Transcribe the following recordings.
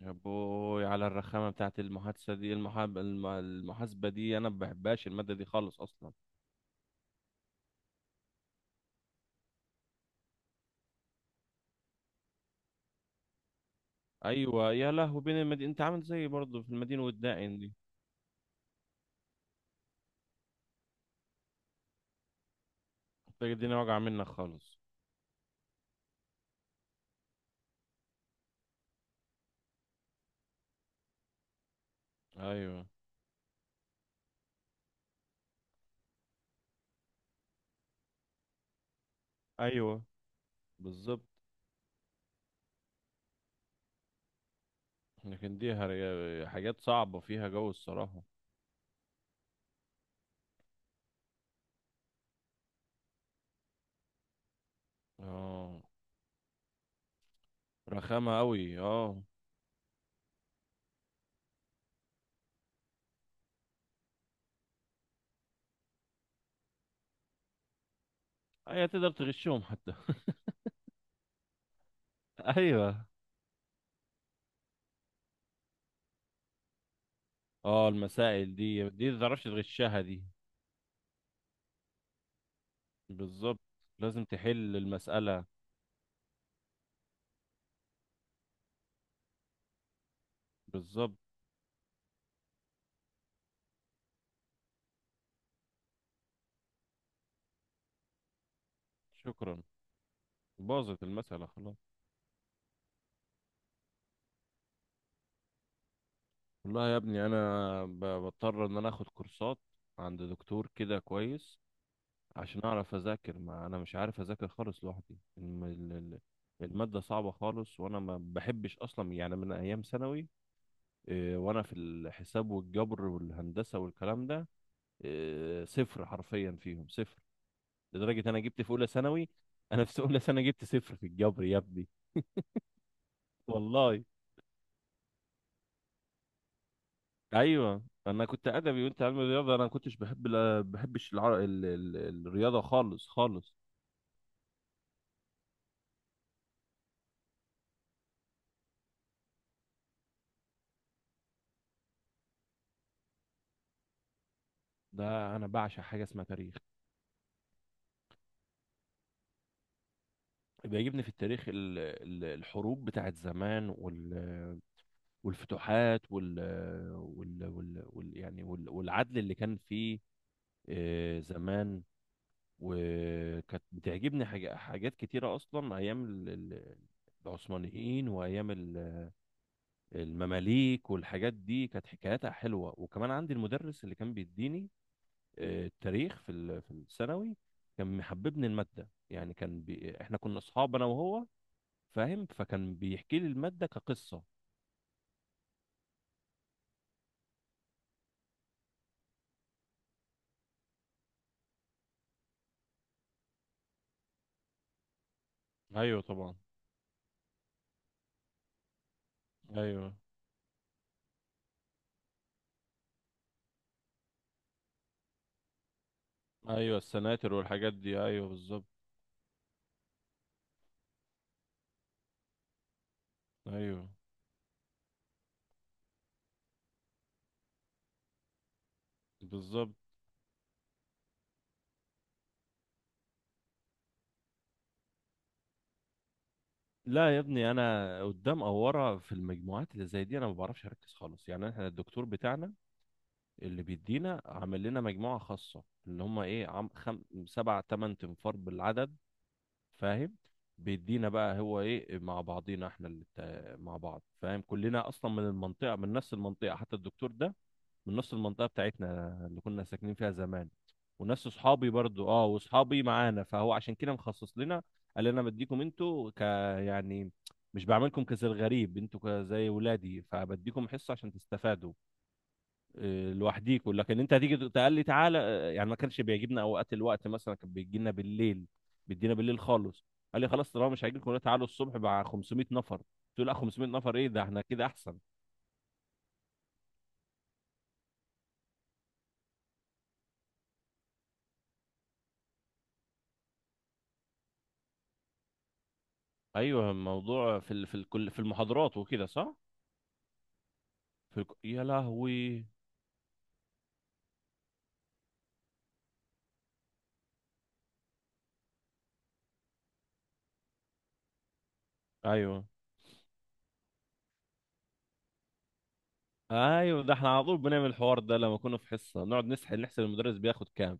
يا بوي على الرخامة بتاعت المحادثة دي المحاسبة دي أنا ما بحبهاش المادة دي خالص أصلا. أيوة يا لهوي، بين المدينة أنت عامل زيي برضه في المدينة والداعين دي. أنت الدنيا واجعة منك خالص. أيوة، أيوة، بالظبط. لكن دي حاجات صعبة فيها جو الصراحة. اه، رخامة أوي، اه. أيوة تقدر تغشهم حتى. أيوة. اه، المسائل دي متعرفش تغشها. دي بالظبط، لازم تحل المسألة. بالظبط. شكرا، باظت المسألة خلاص. والله يا ابني انا بضطر ان انا اخد كورسات عند دكتور كده كويس، عشان اعرف اذاكر. ما انا مش عارف اذاكر خالص لوحدي المادة صعبة خالص وانا ما بحبش اصلا، يعني من ايام ثانوي. إيه، وانا في الحساب والجبر والهندسة والكلام ده إيه، صفر حرفيا، فيهم صفر. لدرجة انا جبت في اولى ثانوي، انا في اولى ثانوي جبت صفر في الجبر يا ابني، والله. ايوه انا كنت ادبي وانت علم رياضه. انا ما كنتش بحب، لا بحبش الرياضه خالص خالص. ده انا بعشق حاجه اسمها تاريخ. بيعجبني في التاريخ الحروب بتاعت زمان والفتوحات والعدل اللي كان فيه، آه، زمان. وكانت بتعجبني حاجات كتيره اصلا، ايام العثمانيين وايام المماليك والحاجات دي، كانت حكاياتها حلوة. وكمان عندي المدرس اللي كان بيديني آه، التاريخ في الثانوي، كان محببني المادة يعني. كان احنا كنا اصحاب انا وهو، فاهم، فكان بيحكي لي المادة كقصة. ايوه طبعا. ايوه، ايوه، السناتر والحاجات دي، ايوه بالظبط. ايوه بالظبط. لا يا ابني، انا قدام او ورا في المجموعات اللي زي دي انا ما بعرفش اركز خالص. يعني احنا الدكتور بتاعنا اللي بيدينا عامل لنا مجموعة خاصة، اللي هم ايه، سبع تمن تنفار بالعدد، فاهم. بيدينا بقى هو ايه مع بعضينا احنا مع بعض، فاهم. كلنا اصلا من المنطقة من نفس المنطقة، حتى الدكتور ده من نفس المنطقة بتاعتنا اللي كنا ساكنين فيها زمان، وناس اصحابي برضو، اه، واصحابي معانا. فهو عشان كده مخصص لنا، قال انا بديكم انتوا ك يعني مش بعملكم كزي الغريب، انتوا زي ولادي، فبديكم حصة عشان تستفادوا آه، لوحديكوا. لكن انت هتيجي تقول لي تعالى آه، يعني ما كانش بيعجبنا اوقات الوقت. مثلا كان بيجي لنا بالليل، بيدينا بالليل خالص. قال لي خلاص، طالما مش هيجيلكم تعالوا الصبح مع 500 نفر. قلت له لا، 500 نفر ايه ده، احنا كده احسن. ايوه الموضوع في المحاضرات وكده، صح. يا لهوي. ايوه، ايوه، ده احنا على طول بنعمل الحوار ده، لما كنا في حصه نقعد نسحل نحسب المدرس بياخد كام.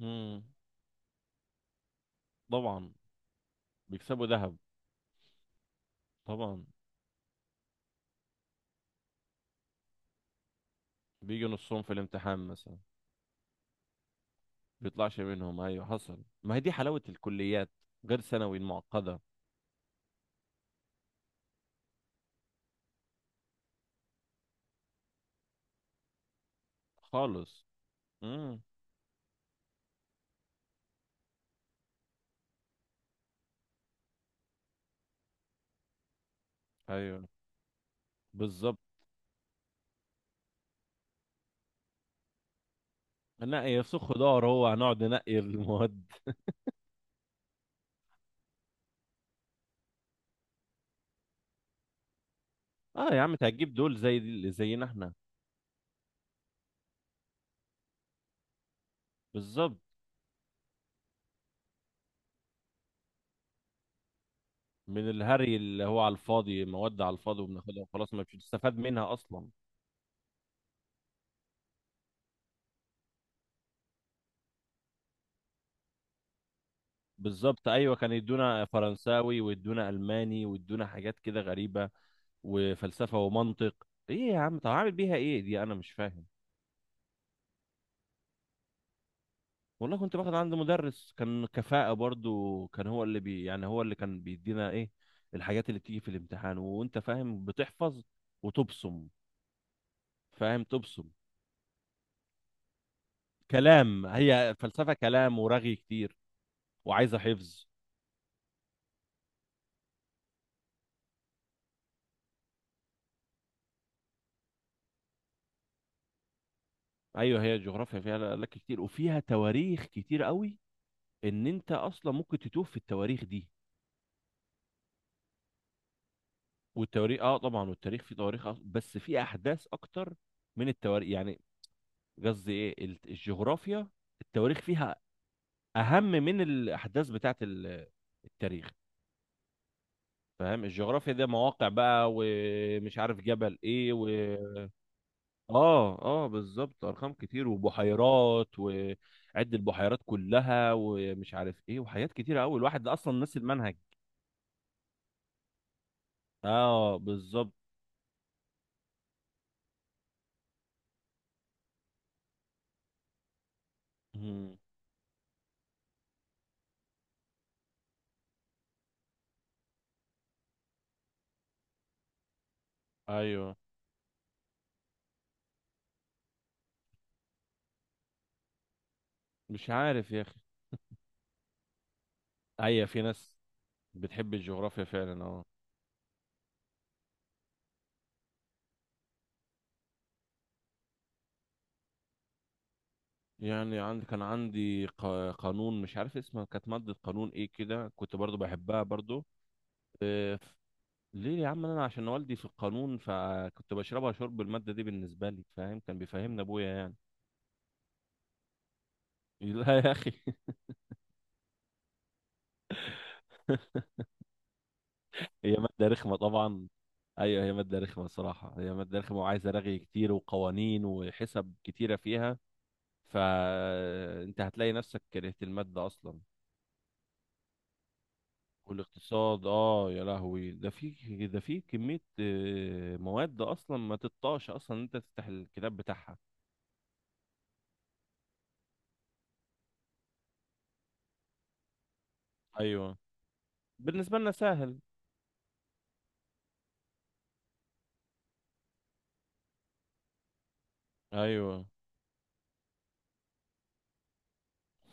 امم، طبعا، بيكسبوا ذهب. طبعا بيجوا نصهم في الامتحان مثلا، بيطلعش منهم، ايوه، حصل. ما هي دي حلاوة الكليات، غير ثانوي المعقدة خالص. امم. ايوه بالظبط. نقي سخ دار هو، هنقعد ننقي المواد؟ اه يا عم انت هتجيب دول زي زينا احنا. بالظبط، من الهري اللي هو على الفاضي، مواد على الفاضي وبناخدها وخلاص ما فيش استفاد منها اصلا. بالظبط. ايوه كان يدونا فرنساوي ويدونا الماني ويدونا حاجات كده غريبة، وفلسفة ومنطق. ايه يا عم، طب عامل بيها ايه دي؟ انا مش فاهم. والله كنت باخد عند مدرس كان كفاءة، برضو كان هو اللي بي يعني هو اللي كان بيدينا الحاجات اللي بتيجي في الامتحان، وانت فاهم، بتحفظ وتبصم. فاهم، تبصم كلام. هي فلسفة كلام ورغي كتير، وعايزة حفظ. ايوه، هي جغرافيا فيها لك كتير وفيها تواريخ كتير قوي، ان انت اصلا ممكن تتوه في التواريخ دي. والتواريخ اه، طبعا. والتاريخ فيه تواريخ، بس في احداث اكتر من التواريخ يعني. قصدي الجغرافيا التواريخ فيها اهم من الاحداث بتاعت التاريخ، فاهم. الجغرافيا ده مواقع بقى، ومش عارف جبل ايه و... اه، اه، بالظبط، ارقام كتير وبحيرات وعد البحيرات كلها، ومش عارف ايه، وحاجات كتيره قوي الواحد ده اصلا نسي المنهج. اه بالظبط. مم. ايوه. مش عارف يا اخي. ايوه في ناس بتحب الجغرافيا فعلا، اه. يعني كان عندي قانون، مش عارف اسمها، كانت مادة قانون ايه كده، كنت برضو بحبها. برضو؟ ليه يا عم، انا عشان والدي في القانون، فكنت بشربها شرب الماده دي بالنسبه لي، فاهم؟ كان بيفهمنا ابويا يعني. لا يا اخي. هي ماده رخمه طبعا. ايوه، هي ماده رخمه الصراحه، هي ماده رخمه وعايزه رغي كتير وقوانين وحسب كتيره فيها. فانت هتلاقي نفسك كرهت الماده اصلا. والاقتصاد، اه، يا لهوي، ده في كميه آه، مواد اصلا ما تطاش اصلا إن انت تفتح الكتاب بتاعها. ايوه، بالنسبه لنا سهل. ايوه.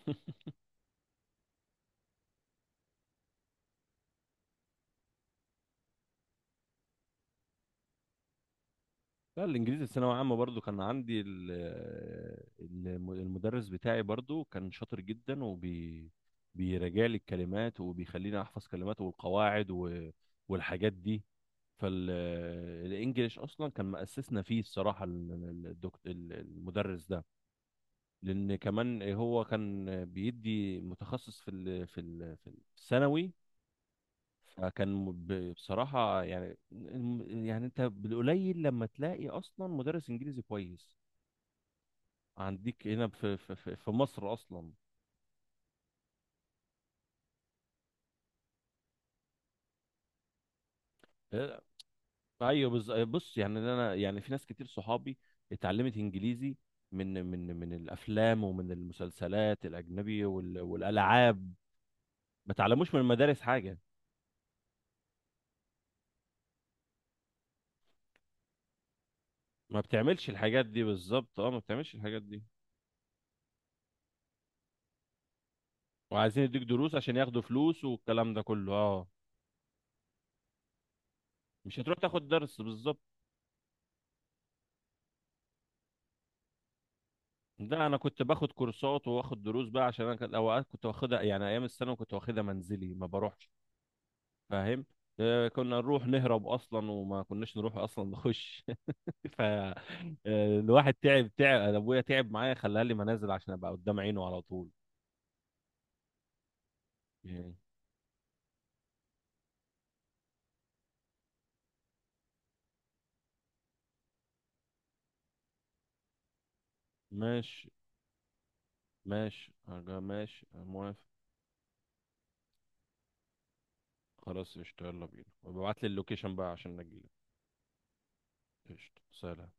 لا، الانجليزي في ثانويه عامه برضو كان عندي المدرس بتاعي برضو كان شاطر جدا، بيراجع لي الكلمات وبيخليني احفظ كلمات والقواعد والحاجات دي. فالانجليش اصلا كان مأسسنا فيه الصراحه المدرس ده، لان كمان هو كان بيدي متخصص في الثانوي. فكان بصراحة يعني، يعني انت بالقليل لما تلاقي اصلا مدرس انجليزي كويس عندك هنا في مصر اصلا. اه. ايوه، بص يعني انا، يعني في ناس كتير صحابي اتعلمت انجليزي من الافلام، ومن المسلسلات الاجنبي والالعاب، ما اتعلموش من المدارس حاجة. ما بتعملش الحاجات دي، بالظبط. اه، ما بتعملش الحاجات دي. وعايزين يديك دروس عشان ياخدوا فلوس، والكلام ده كله، اه. مش هتروح تاخد درس، بالظبط. ده انا كنت باخد كورسات واخد دروس بقى، عشان انا اوقات كنت واخدها يعني ايام الثانوي، كنت واخدها منزلي ما بروحش، فاهم. آه، كنا نروح نهرب اصلا، وما كناش نروح اصلا نخش. ف آه، الواحد تعب، تعب. أنا ابويا تعب معايا، خلاها لي منازل عشان ابقى قدام عينه على طول، يعني. ماشي، ماشي، أرجع ماشي، أنا موافق. خلاص، قشطة، يلا بينا، وابعت لي اللوكيشن بقى عشان اجيلك. قشطة، سلام.